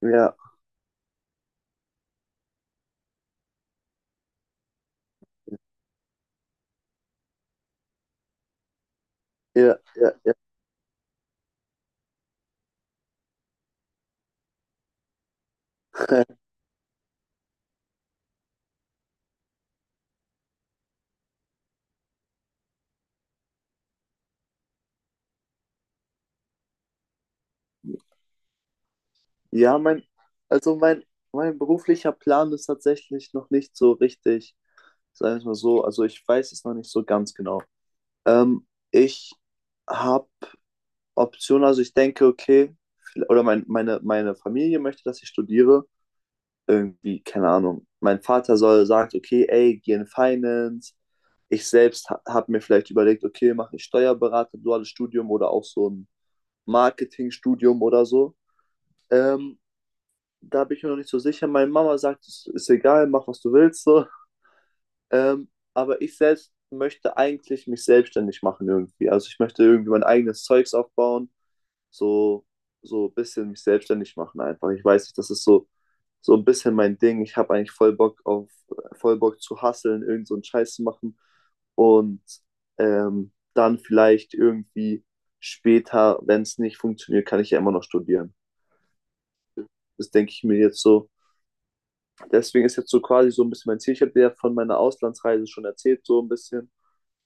Ja, ja, ja, ja. Ja, mein, also mein, Mein beruflicher Plan ist tatsächlich noch nicht so richtig, sagen wir es mal so. Also ich weiß es noch nicht so ganz genau. Ich habe Optionen, also ich denke, okay, oder meine Familie möchte, dass ich studiere. Irgendwie, keine Ahnung. Mein Vater soll sagt, okay, ey, geh in Finance. Ich selbst ha habe mir vielleicht überlegt, okay, mache ich Steuerberater, duales Studium oder auch so ein Marketingstudium oder so. Ähm, Da bin ich mir noch nicht so sicher. Meine Mama sagt, es ist egal, mach was du willst so. Ähm, aber ich selbst möchte eigentlich mich selbstständig machen irgendwie. Also ich möchte irgendwie mein eigenes Zeugs aufbauen, so ein bisschen mich selbstständig machen einfach. Ich weiß nicht, das ist so ein bisschen mein Ding. Ich habe eigentlich voll Bock zu hustlen, irgend so einen Scheiß zu machen und dann vielleicht irgendwie später, wenn es nicht funktioniert, kann ich ja immer noch studieren. Das denke ich mir jetzt so. Deswegen ist jetzt so quasi so ein bisschen mein Ziel. Ich habe ja von meiner Auslandsreise schon erzählt, so ein bisschen.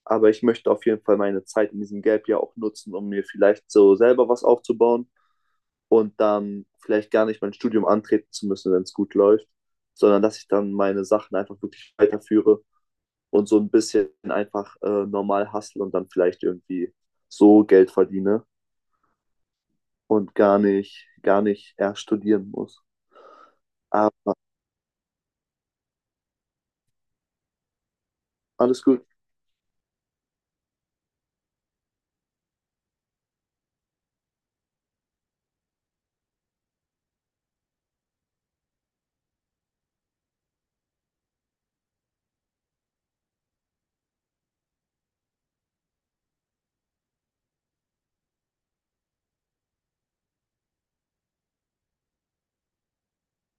Aber ich möchte auf jeden Fall meine Zeit in diesem Gap ja auch nutzen, um mir vielleicht so selber was aufzubauen und dann vielleicht gar nicht mein Studium antreten zu müssen, wenn es gut läuft, sondern dass ich dann meine Sachen einfach wirklich weiterführe und so ein bisschen einfach normal hustle und dann vielleicht irgendwie so Geld verdiene und gar nicht erst studieren muss. Aber alles gut.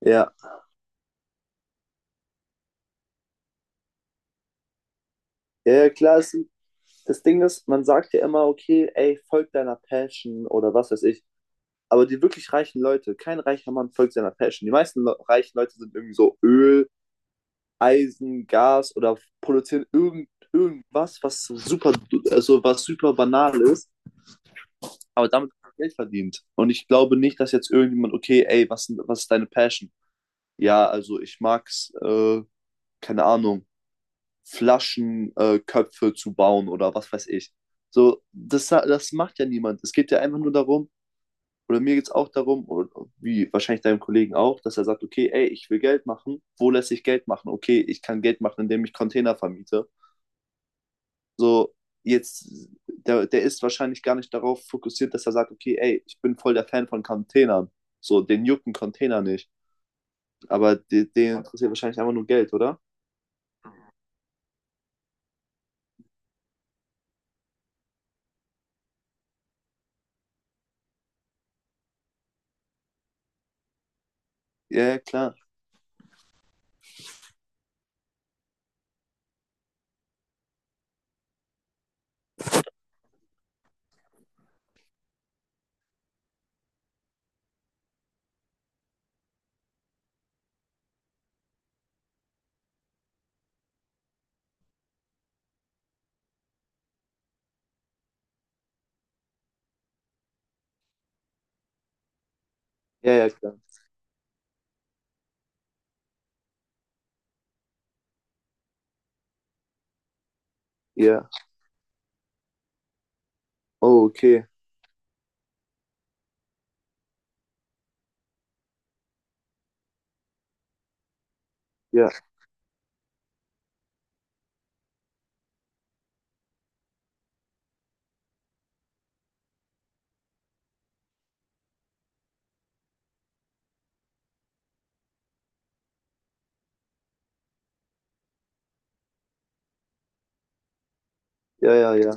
Ja, ja klar, es sind das Ding ist, man sagt ja immer, okay, ey, folg deiner Passion oder was weiß ich. Aber die wirklich reichen Leute, kein reicher Mann folgt seiner Passion. Die meisten Le reichen Leute sind irgendwie so Öl, Eisen, Gas oder produzieren irgendwas, was so super, also was super banal ist, aber damit wird Geld verdient. Und ich glaube nicht, dass jetzt irgendjemand, okay, ey, was, was ist deine Passion? Ja, also ich mag's, keine Ahnung, Flaschenköpfe zu bauen oder was weiß ich. So, das macht ja niemand. Es geht ja einfach nur darum, oder mir geht es auch darum, oder wie wahrscheinlich deinem Kollegen auch, dass er sagt, okay, ey, ich will Geld machen. Wo lässt sich Geld machen? Okay, ich kann Geld machen, indem ich Container vermiete. So, jetzt, der ist wahrscheinlich gar nicht darauf fokussiert, dass er sagt, okay, ey, ich bin voll der Fan von Containern. So, den jucken Container nicht. Aber den interessiert wahrscheinlich einfach nur Geld, oder? Ja, ja, klar. Ja, ja, klar. Ja. Oh, okay. Ja. Ja, ja, ja.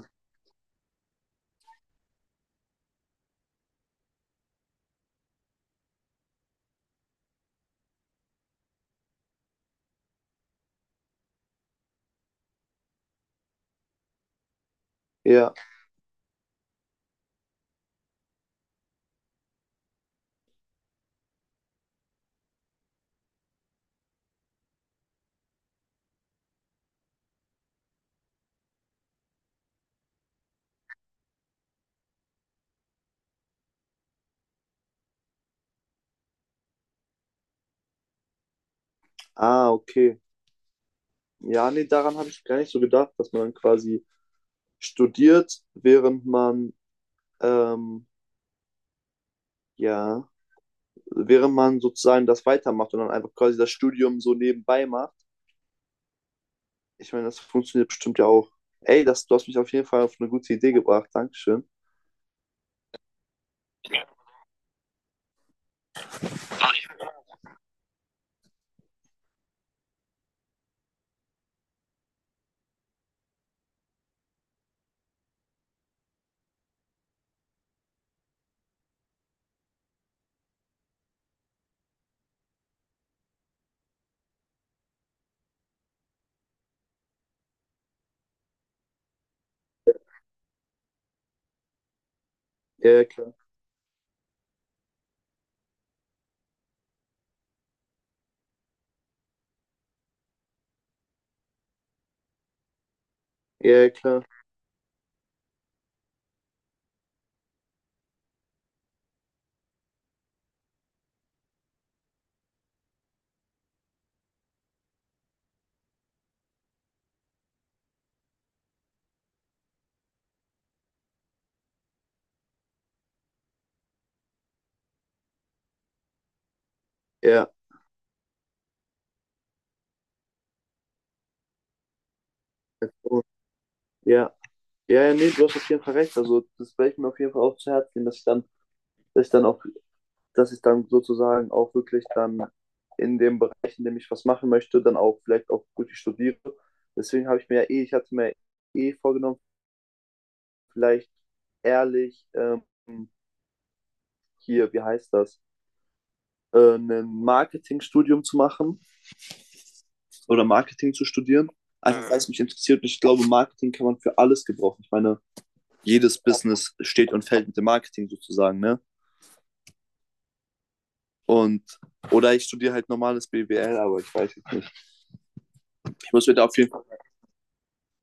Ja. Ah, okay. Ja, nee, daran habe ich gar nicht so gedacht, dass man dann quasi studiert, während ähm, ja, während man sozusagen das weitermacht und dann einfach quasi das Studium so nebenbei macht. Ich meine, das funktioniert bestimmt ja auch. Ey, das, du hast mich auf jeden Fall auf eine gute Idee gebracht. Dankeschön. Ja, ja, klar. Ja, ja, klar. Ja. Und, ja. Ja, ja, nee, du hast auf jeden Fall recht. Also, das werde ich mir auf jeden Fall auch zu Herzen nehmen, dass ich dann auch dass ich dann sozusagen auch wirklich dann in dem Bereich, in dem ich was machen möchte, dann auch vielleicht auch wirklich studiere. Deswegen habe ich mir ja eh, ich hatte mir eh vorgenommen, vielleicht ehrlich hier, wie heißt das, ein Marketingstudium zu machen oder Marketing zu studieren. Einfach weil es mich interessiert ich glaube, Marketing kann man für alles gebrauchen. Ich meine, jedes Business steht und fällt mit dem Marketing sozusagen, ne? Und, oder ich studiere halt normales BWL, aber ich weiß jetzt nicht. Ich muss mir da auf jeden Fall,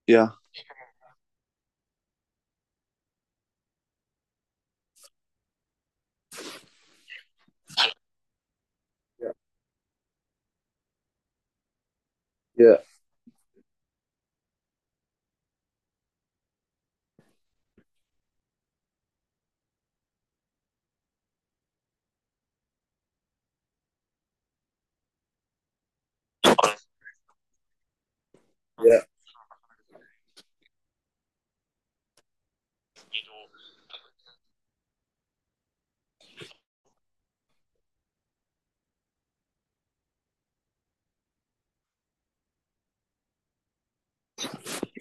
ja. Ja, ja,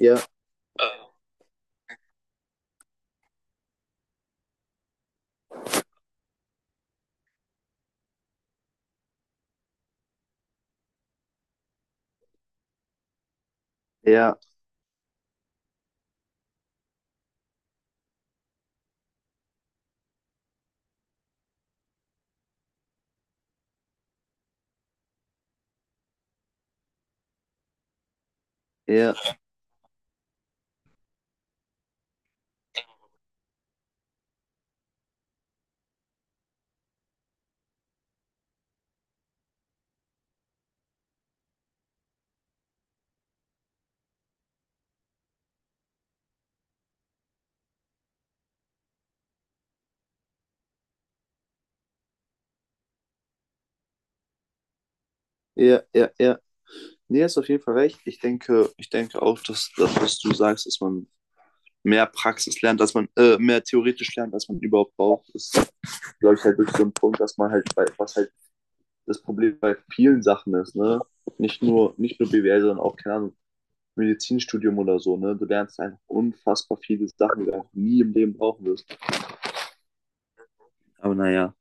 ja, ja, ja, ja, ja, ja. Nee, hast auf jeden Fall recht. Ich denke, dass das, was du sagst, dass man mehr Praxis lernt, dass man mehr theoretisch lernt, als man überhaupt braucht, ist, glaube ich, halt wirklich so ein Punkt, dass man halt, bei, was halt das Problem bei vielen Sachen ist, ne? Nicht nur BWL, sondern auch, keine Ahnung, Medizinstudium oder so, ne? Du lernst einfach unfassbar viele Sachen, die du einfach nie im Leben brauchen wirst. Aber naja.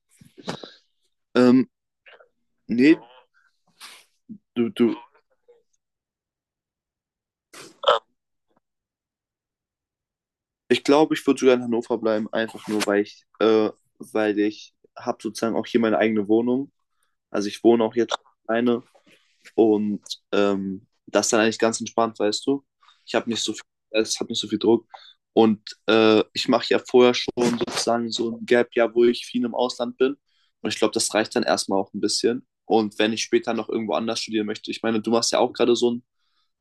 Ähm, nee, du, ich glaube, ich würde sogar in Hannover bleiben, einfach nur, weil ich habe sozusagen auch hier meine eigene Wohnung. Also ich wohne auch jetzt alleine und das ist dann eigentlich ganz entspannt, weißt du. Ich habe nicht so viel Stress, ich habe nicht so viel Druck. Und ich mache ja vorher schon sozusagen so ein Gap-Jahr, wo ich viel im Ausland bin. Und ich glaube, das reicht dann erstmal auch ein bisschen. Und wenn ich später noch irgendwo anders studieren möchte, ich meine, du machst ja auch gerade so ein,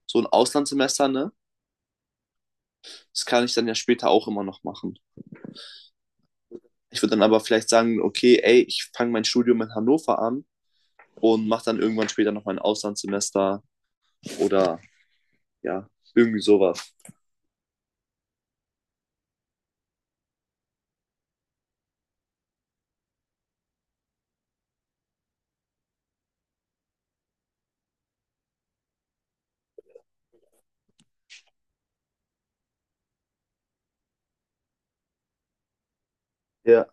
Auslandssemester, ne? Das kann ich dann ja später auch immer noch machen. Ich würde dann aber vielleicht sagen, okay, ey, ich fange mein Studium in Hannover an und mache dann irgendwann später noch mein Auslandssemester oder ja, irgendwie sowas. Ja,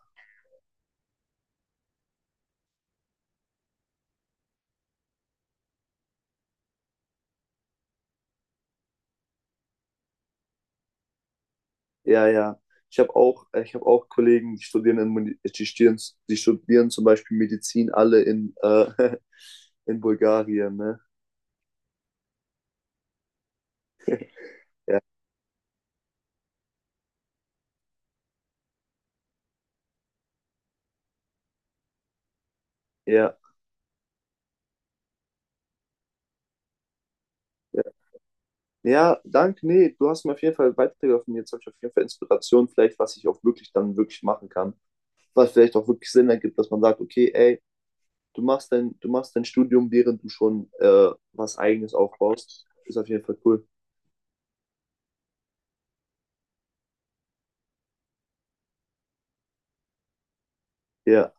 ja, ja. Ich habe auch Kollegen, die studieren zum Beispiel Medizin alle in Bulgarien, ne? Ja, ja, ja. Ja, danke, nee, du hast mir auf jeden Fall weitergeholfen. Jetzt habe ich auf jeden Fall Inspiration, vielleicht, was ich auch wirklich dann wirklich machen kann. Was vielleicht auch wirklich Sinn ergibt, dass man sagt, okay, ey, du machst dein Studium, während du schon was Eigenes aufbaust. Ist auf jeden Fall cool. Ja.